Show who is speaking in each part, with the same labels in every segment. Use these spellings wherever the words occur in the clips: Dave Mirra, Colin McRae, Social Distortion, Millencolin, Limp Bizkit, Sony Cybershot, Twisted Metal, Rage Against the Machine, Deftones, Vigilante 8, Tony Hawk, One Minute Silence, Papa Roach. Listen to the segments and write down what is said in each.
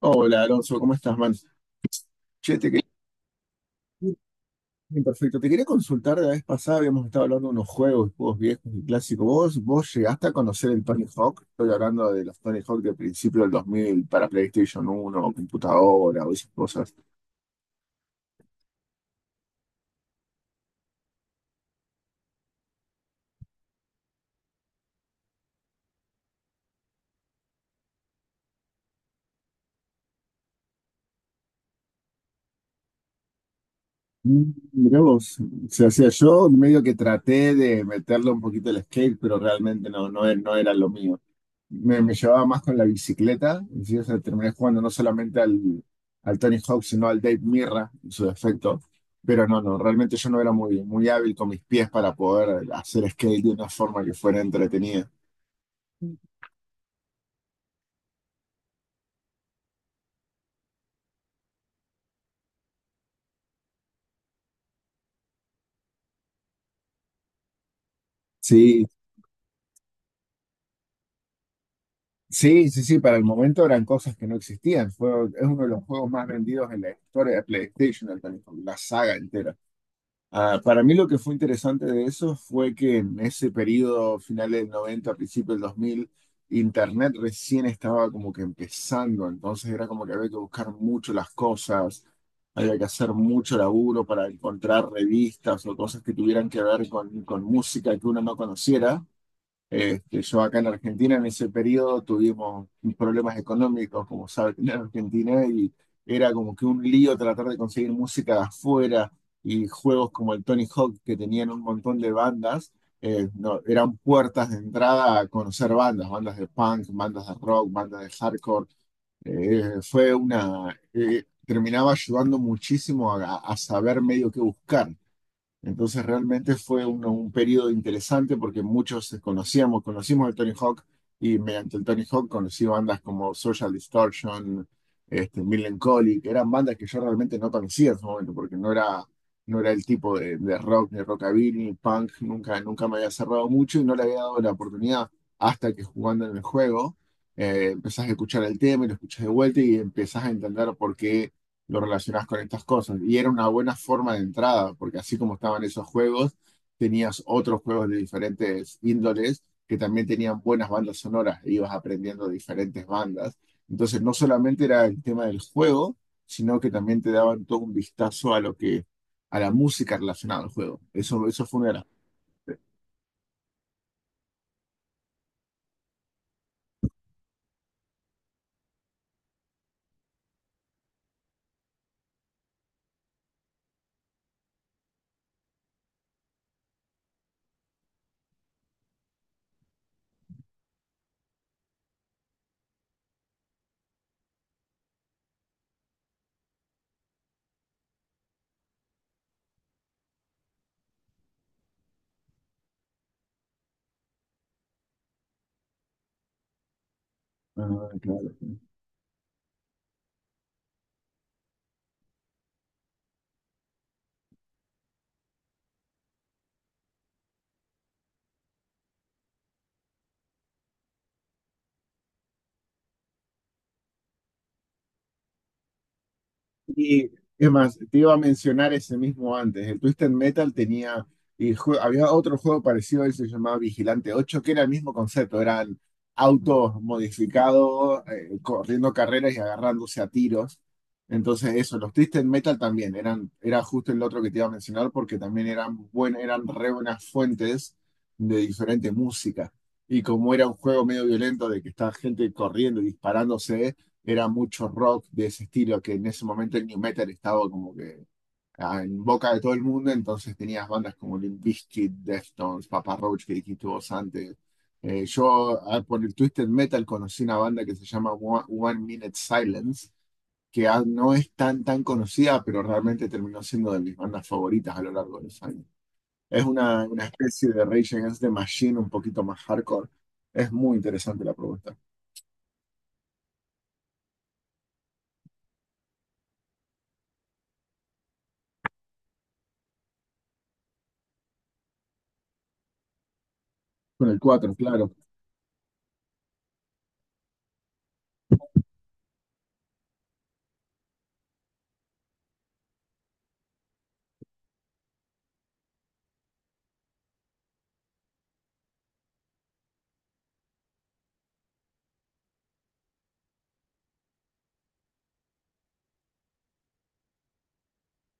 Speaker 1: Hola Alonso, ¿cómo estás, man? Che, te quería... Bien, perfecto, te quería consultar. La vez pasada habíamos estado hablando de unos juegos, juegos viejos y clásicos. ¿Vos llegaste a conocer el Tony Hawk? Estoy hablando de los Tony Hawk del principio del 2000 para PlayStation uno, o computadora o esas cosas. Mirá vos. O sea, hacía yo medio que traté de meterle un poquito el skate, pero realmente no, no, no era lo mío. Me llevaba más con la bicicleta, y sí, o sea, terminé jugando no solamente al, al Tony Hawk, sino al Dave Mirra en su defecto. Pero no, no, realmente yo no era muy, muy hábil con mis pies para poder hacer skate de una forma que fuera entretenida. Sí, sí, sí, sí, para el momento eran cosas que no existían. Es uno de los juegos más vendidos en la historia de PlayStation, el Tony Hawk, la saga entera. Ah, para mí lo que fue interesante de eso fue que en ese periodo, finales del 90, principio del dos mil, Internet recién estaba como que empezando. Entonces era como que había que buscar mucho las cosas, había que hacer mucho laburo para encontrar revistas o cosas que tuvieran que ver con música que uno no conociera. Este, yo acá en Argentina en ese periodo tuvimos problemas económicos, como saben, en Argentina, y era como que un lío tratar de conseguir música de afuera y juegos como el Tony Hawk, que tenían un montón de bandas. No, eran puertas de entrada a conocer bandas, bandas de punk, bandas de rock, bandas de hardcore. Terminaba ayudando muchísimo a saber medio qué buscar. Entonces realmente fue un periodo interesante porque muchos conocimos el Tony Hawk, y mediante el Tony Hawk conocí bandas como Social Distortion, este, Millencolin. Eran bandas que yo realmente no conocía en su momento porque no era, no era el tipo de rock, ni rockabilly, ni punk. Nunca, nunca me había cerrado mucho y no le había dado la oportunidad hasta que jugando en el juego, empezás a escuchar el tema y lo escuchás de vuelta y empezás a entender por qué lo relacionás con estas cosas. Y era una buena forma de entrada, porque así como estaban esos juegos, tenías otros juegos de diferentes índoles que también tenían buenas bandas sonoras, e ibas aprendiendo diferentes bandas. Entonces, no solamente era el tema del juego, sino que también te daban todo un vistazo a lo que, a la música relacionada al juego. Eso fue una de las... Ah, claro. Y es más, te iba a mencionar ese mismo antes. El Twisted Metal tenía, había otro juego parecido a él, se llamaba Vigilante ocho, que era el mismo concepto. Eran autos modificados, corriendo carreras y agarrándose a tiros. Entonces eso, los Twisted Metal también eran, era justo el otro que te iba a mencionar, porque también eran re buenas fuentes de diferente música. Y como era un juego medio violento de que está gente corriendo y disparándose, era mucho rock de ese estilo, que en ese momento el new metal estaba como que en boca de todo el mundo. Entonces tenías bandas como Limp Bizkit, Deftones, Papa Roach, que dijiste vos antes. Yo por el Twisted Metal conocí una banda que se llama One Minute Silence, que no es tan, tan conocida, pero realmente terminó siendo de mis bandas favoritas a lo largo de los años. Es una especie de Rage Against the Machine un poquito más hardcore. Es muy interesante la propuesta. Con el cuatro, claro.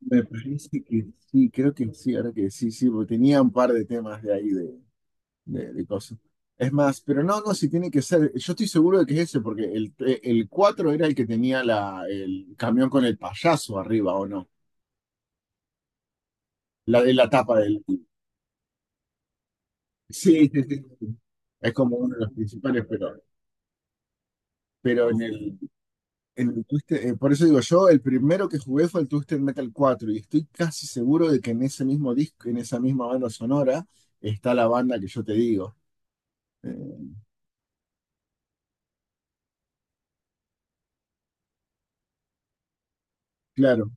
Speaker 1: Me parece que sí, creo que sí, ahora que sí, sí, porque tenía un par de temas de ahí de cosas. Es más, pero no, no, si tiene que ser, yo estoy seguro de que es ese, porque el 4 era el que tenía el camión con el payaso arriba, ¿o no? La de la tapa del... Sí, sí, sí, sí. Es como uno de los principales, pero en el, por eso digo yo, el primero que jugué fue el Twisted Metal cuatro, y estoy casi seguro de que en ese mismo disco, en esa misma banda sonora, está la banda que yo te digo. eh, Claro,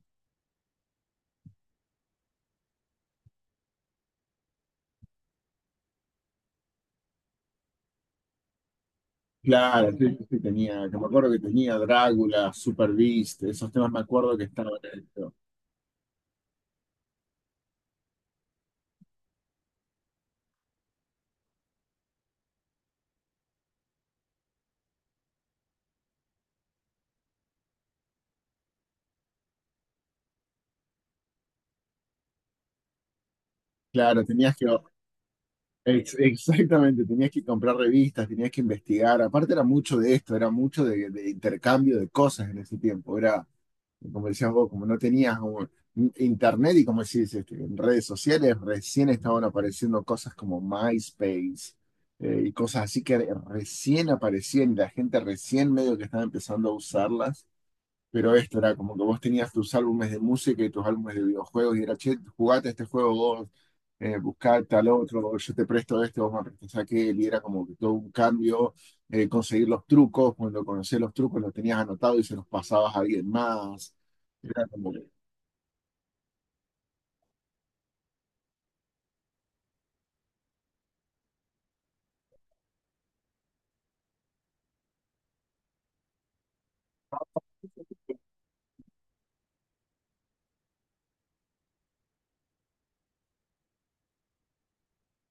Speaker 1: claro, sí, sí, sí, tenía, que me acuerdo que tenía Drácula, Super Beast. Esos temas me acuerdo que estaban en esto. Claro, exactamente, tenías que comprar revistas, tenías que investigar. Aparte era mucho de esto, era mucho de intercambio de cosas en ese tiempo. Era, como decías vos, como no tenías un internet, y como decís, este, en redes sociales recién estaban apareciendo cosas como MySpace. Y cosas así que recién aparecían, y la gente recién medio que estaba empezando a usarlas. Pero esto era como que vos tenías tus álbumes de música y tus álbumes de videojuegos, y era, che, jugate este juego vos, buscá tal otro, yo te presto este, vos me prestás aquel, y era como que todo un cambio. Conseguir los trucos, cuando conocías los trucos los tenías anotados y se los pasabas a alguien más, era como que,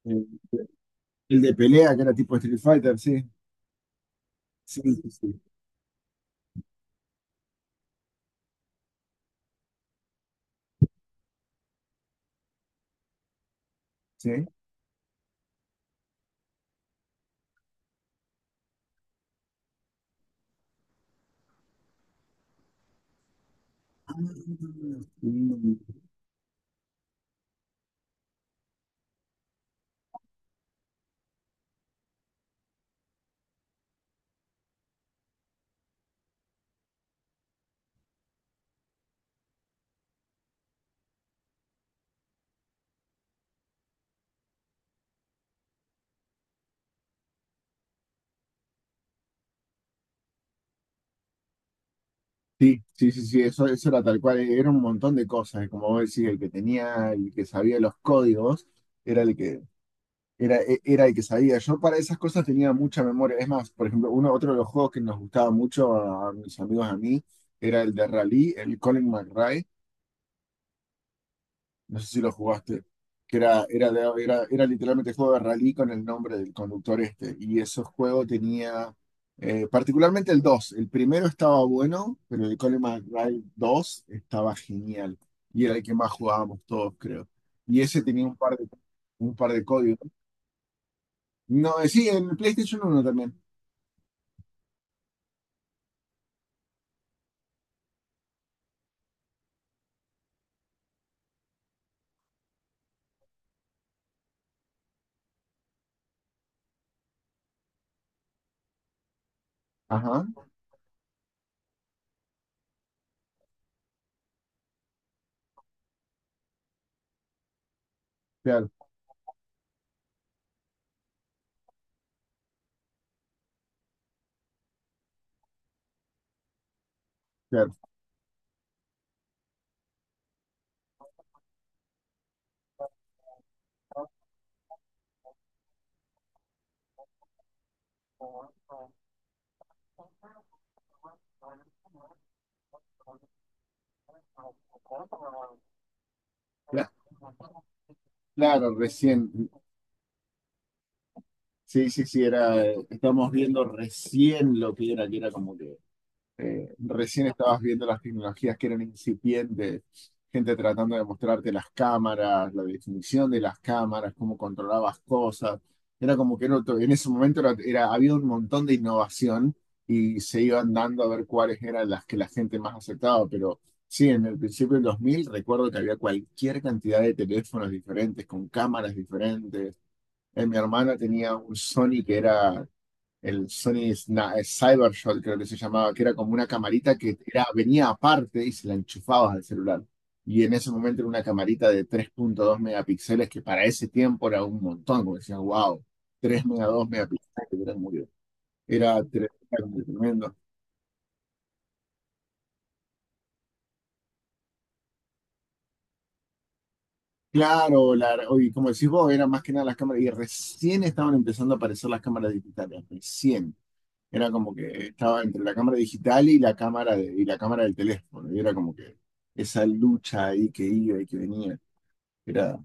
Speaker 1: eh, el de pelea que era tipo Street Fighter, sí, sí, sí, sí. ¿Sí? Sí, sí, sí, sí, eso era tal cual, era un montón de cosas, y como vos decís, el que tenía, el que sabía los códigos, era el que, era, era el que sabía. Yo para esas cosas tenía mucha memoria. Es más, por ejemplo, otro de los juegos que nos gustaba mucho a mis amigos, a mí, era el de Rally, el Colin McRae, no sé si lo jugaste, que era, era, era literalmente juego de rally con el nombre del conductor este. Y ese juego particularmente el 2 el primero estaba bueno, pero el Colin McRae 2 estaba genial. Y era el que más jugábamos todos, creo. Y ese tenía un par de códigos. No, sí, en el PlayStation uno también. Ajá, claro, claro. Cla- Claro, recién. Sí, sí, sí, estamos viendo recién lo que era como que, recién estabas viendo las tecnologías que eran incipientes, gente tratando de mostrarte las cámaras, la definición de las cámaras, cómo controlabas cosas. Era como que era en ese momento había un montón de innovación, y se iban dando a ver cuáles eran las que la gente más aceptaba. Pero sí, en el principio del 2000 recuerdo que había cualquier cantidad de teléfonos diferentes, con cámaras diferentes. Mi hermana tenía un Sony que era el Sony Cybershot, creo que se llamaba, que era como una camarita que era, venía aparte y se la enchufabas al celular. Y en ese momento era una camarita de 3.2 megapíxeles, que para ese tiempo era un montón, como decían, wow, 3.2 megapíxeles, era tremendo. Claro, y como decís vos, era más que nada las cámaras, y recién estaban empezando a aparecer las cámaras digitales, recién. Era como que estaba entre la cámara digital y la cámara y la cámara del teléfono. Y era como que esa lucha ahí que iba y que venía. Era,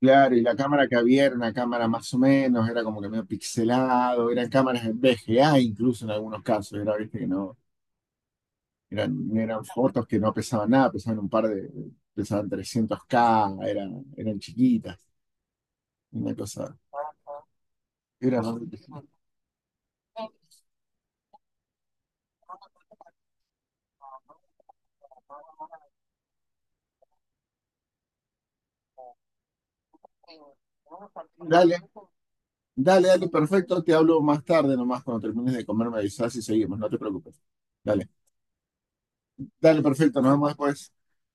Speaker 1: claro, y la cámara que había era una cámara más o menos, era como que medio pixelado. Eran cámaras en VGA, incluso en algunos casos. Era, viste, que no, eran fotos que no pesaban nada. Pesaban pesaban 300K. Eran chiquitas, una cosa. Era más... Dale, dale, dale, perfecto. Te hablo más tarde, nomás cuando termines de comer, me avisas y seguimos, no te preocupes. Dale, dale, perfecto. Nos vemos después.